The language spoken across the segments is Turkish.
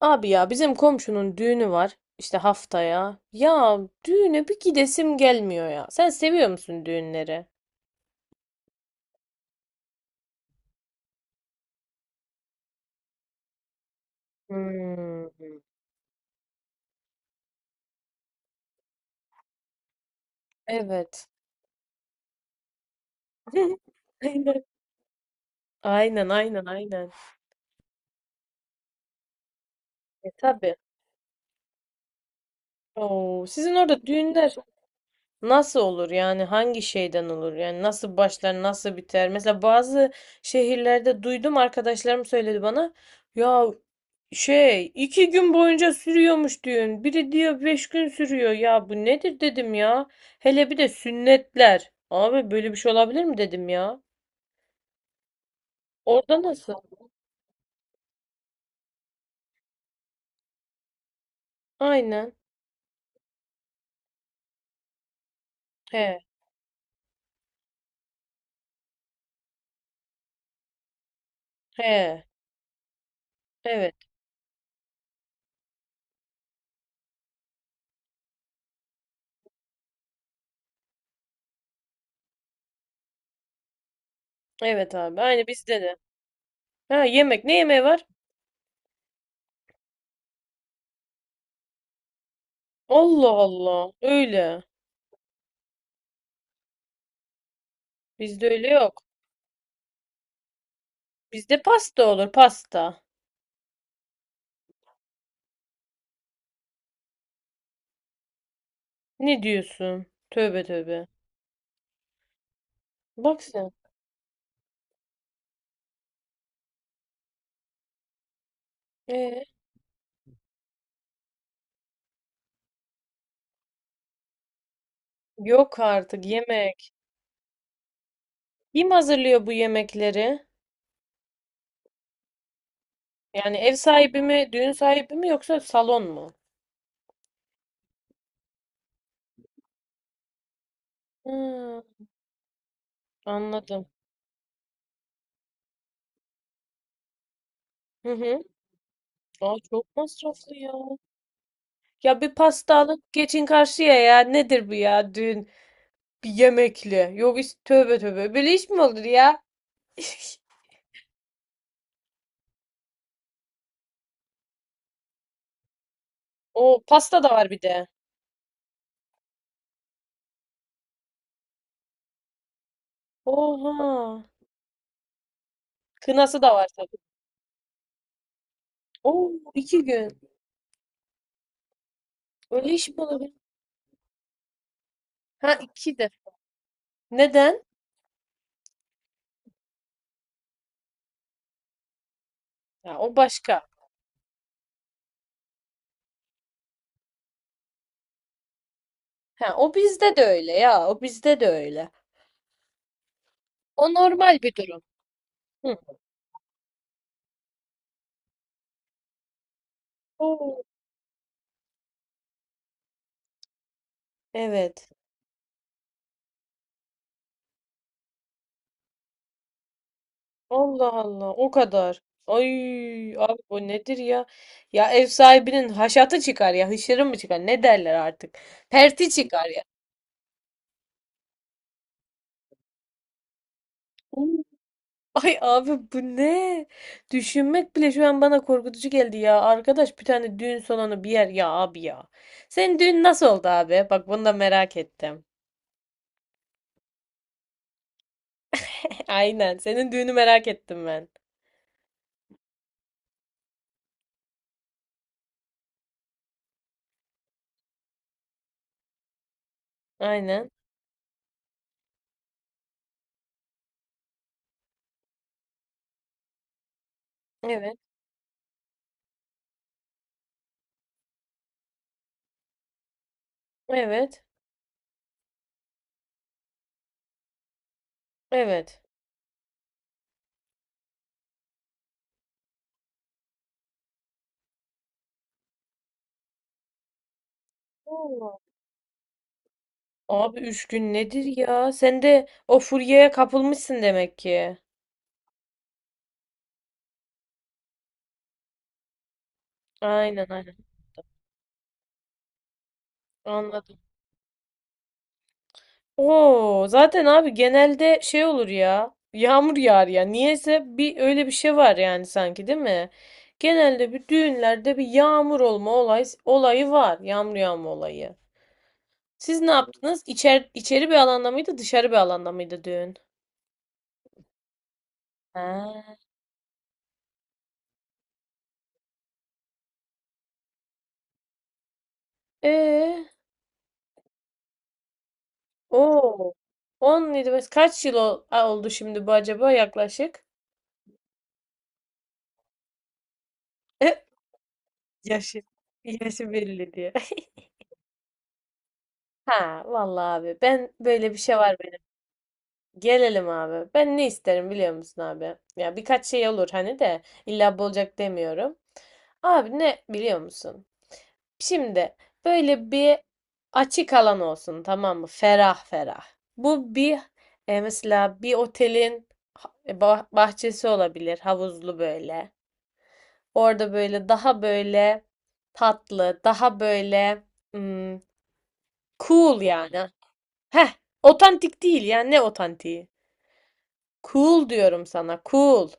Abi ya bizim komşunun düğünü var işte haftaya. Ya düğüne bir gidesim gelmiyor ya. Sen seviyor musun düğünleri? Hmm, evet. Aynen. Aynen, aynen, aynen. E tabii. Oo, sizin orada düğünler nasıl olur yani hangi şeyden olur yani nasıl başlar nasıl biter mesela bazı şehirlerde duydum arkadaşlarım söyledi bana ya. Şey, iki gün boyunca sürüyormuş düğün. Biri diyor beş gün sürüyor. Ya bu nedir dedim ya. Hele bir de sünnetler. Abi böyle bir şey olabilir mi dedim ya. Orada nasıl? Aynen. He, he. Evet. Evet abi. Aynı bizde de. Ha yemek. Ne yemeği var? Allah Allah. Öyle. Bizde öyle yok. Bizde pasta olur. Pasta. Ne diyorsun? Tövbe tövbe. Bak sen. E, yok artık yemek. Kim hazırlıyor bu yemekleri? Yani ev sahibi mi, düğün sahibi mi yoksa salon mu? Hı, anladım. Hı hı. Aa, çok masraflı ya. Ya bir pasta alıp geçin karşıya ya. Nedir bu ya düğün? Bir yemekli. Yok is tövbe tövbe. Böyle iş mi olur ya? Piş. O pasta da var bir de. Oha. Kınası da var tabii. Oo iki gün. Öyle iş mi olur? Ha iki de. Neden? Ya o başka. Ha o bizde de öyle ya. O bizde de öyle. O normal bir durum. Hı. Oo. Evet. Allah Allah o kadar. Ay abi o nedir ya? Ya ev sahibinin haşatı çıkar ya hışırı mı çıkar ne derler artık. Perti çıkar ya. Oo, ay abi bu ne? Düşünmek bile şu an bana korkutucu geldi ya. Arkadaş bir tane düğün salonu bir yer ya abi ya. Senin düğün nasıl oldu abi? Bak bunu da merak ettim. Aynen senin düğünü merak ettim ben. Aynen. Evet. Evet. Evet. Abi üç gün nedir ya? Sen de o furyaya kapılmışsın demek ki. Aynen aynen. Anladım. Oo, zaten abi genelde şey olur ya. Yağmur yağar ya. Niyeyse bir öyle bir şey var yani sanki değil mi? Genelde bir düğünlerde bir yağmur olayı var. Yağmur yağma olayı. Siz ne yaptınız? İçeri bir alanda mıydı, dışarı bir alanda mıydı düğün? Ha. Ee, o 17 kaç yıl oldu şimdi bu acaba yaklaşık? Yaşı, yaşı belli diye. Ha vallahi abi ben böyle bir şey var benim. Gelelim abi. Ben ne isterim biliyor musun abi? Ya birkaç şey olur hani de illa bu olacak demiyorum. Abi ne biliyor musun? Şimdi böyle bir açık alan olsun, tamam mı? Ferah ferah. Bu bir mesela bir otelin bahçesi olabilir havuzlu böyle. Orada böyle daha böyle tatlı, daha böyle cool yani. Heh, otantik değil yani ne otantiği? Cool diyorum sana, cool.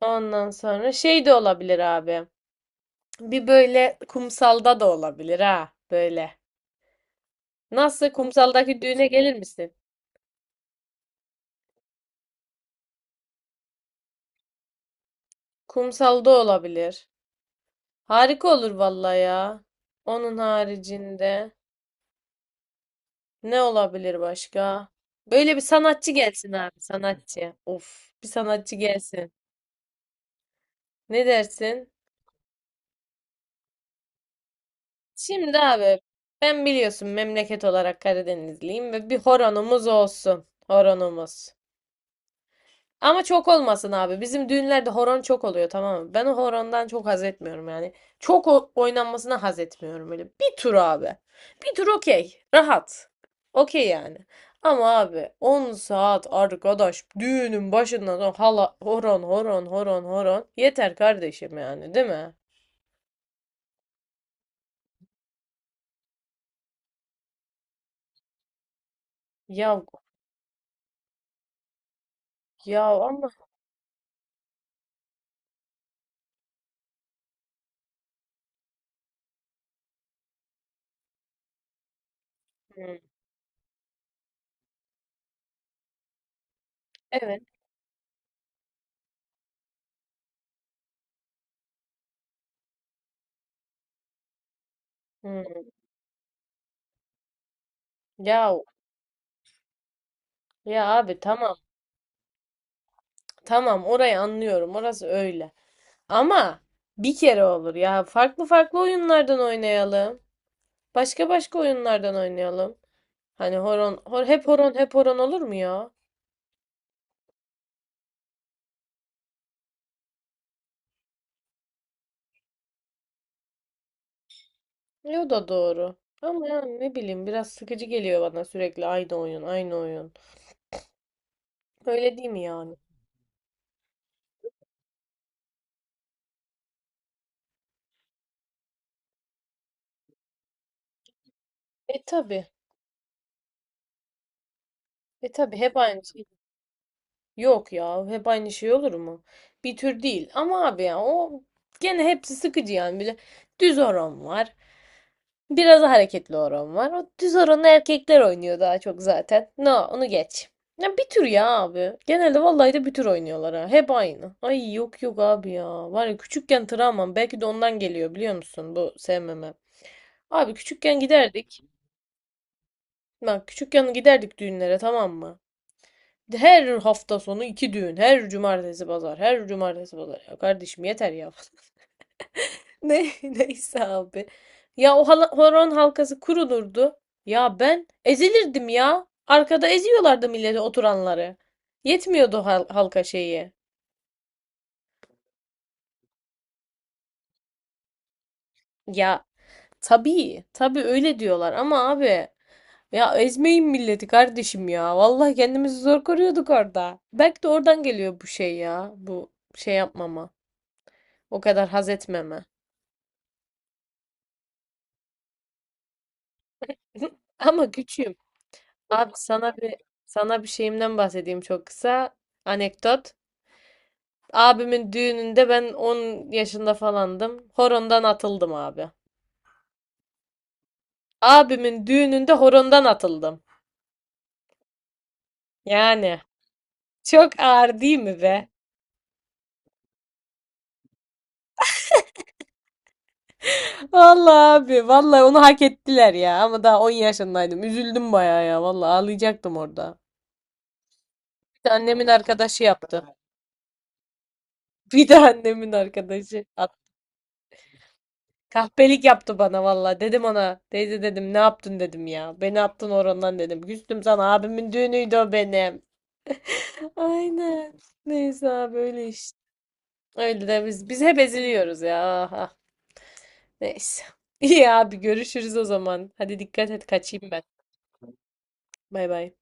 Ondan sonra şey de olabilir abi. Bir böyle kumsalda da olabilir ha, böyle. Nasıl kumsaldaki düğüne gelir misin? Kumsalda olabilir. Harika olur vallahi ya. Onun haricinde ne olabilir başka? Böyle bir sanatçı gelsin abi, sanatçı. Of, bir sanatçı gelsin. Ne dersin? Şimdi abi ben biliyorsun memleket olarak Karadenizliyim ve bir horonumuz olsun. Horonumuz. Ama çok olmasın abi. Bizim düğünlerde horon çok oluyor, tamam mı? Ben o horondan çok haz etmiyorum yani. Çok oynanmasına haz etmiyorum öyle. Bir tur abi. Bir tur okey. Rahat. Okey yani. Ama abi 10 saat arkadaş düğünün başından sonra hala horon, horon, horon, horon. Yeter kardeşim yani, değil mi? Ya ama hı, evet. Hı. Ya ya abi tamam, tamam orayı anlıyorum orası öyle. Ama bir kere olur ya farklı farklı oyunlardan oynayalım. Başka başka oyunlardan oynayalım. Hani hep horon hep horon olur mu ya? E, o da doğru. Ama yani ne bileyim biraz sıkıcı geliyor bana sürekli aynı oyun aynı oyun. Öyle değil mi yani? E tabi, hep aynı şey. Yok ya hep aynı şey olur mu? Bir tür değil ama abi ya o gene hepsi sıkıcı yani. Bir de düz horon var. Biraz hareketli oran var. O düz oranı erkekler oynuyor daha çok zaten. No, onu geç. Ya bir tür ya abi. Genelde vallahi de bir tür oynuyorlar ha. Hep aynı. Ay yok yok abi ya. Var ya küçükken travmam belki de ondan geliyor biliyor musun bu sevmemem. Abi küçükken giderdik. Bak küçükken giderdik düğünlere, tamam mı? Her hafta sonu iki düğün. Her cumartesi pazar. Her cumartesi pazar. Ya kardeşim yeter ya. Ne, neyse abi. Ya o horon halkası kurulurdu. Ya ben ezilirdim ya. Arkada eziyorlardı milleti oturanları. Yetmiyordu halka şeyi. Ya tabii, tabii öyle diyorlar ama abi ya ezmeyin milleti kardeşim ya. Vallahi kendimizi zor koruyorduk orada. Belki de oradan geliyor bu şey ya. Bu şey yapmama. O kadar haz etmeme. Ama küçüğüm. Abi sana bir Sana bir şeyimden bahsedeyim çok kısa. Anekdot. Abimin düğününde ben 10 yaşında falandım. Horondan atıldım abi. Abimin düğününde horondan atıldım. Yani çok ağır değil mi be? Vallahi abi vallahi onu hak ettiler ya ama daha 10 yaşındaydım. Üzüldüm bayağı ya vallahi ağlayacaktım orada. Bir de annemin arkadaşı yaptı. Bir de annemin arkadaşı. At- Kahpelik yaptı bana vallahi. Dedim ona teyze dedim ne yaptın dedim ya. Beni attın horondan dedim. Küstüm sana abimin düğünüydü o benim. Aynen. Neyse abi öyle işte. Öyle de biz hep eziliyoruz ya. Aha. Neyse. İyi abi görüşürüz o zaman. Hadi dikkat et kaçayım ben. Bay bay.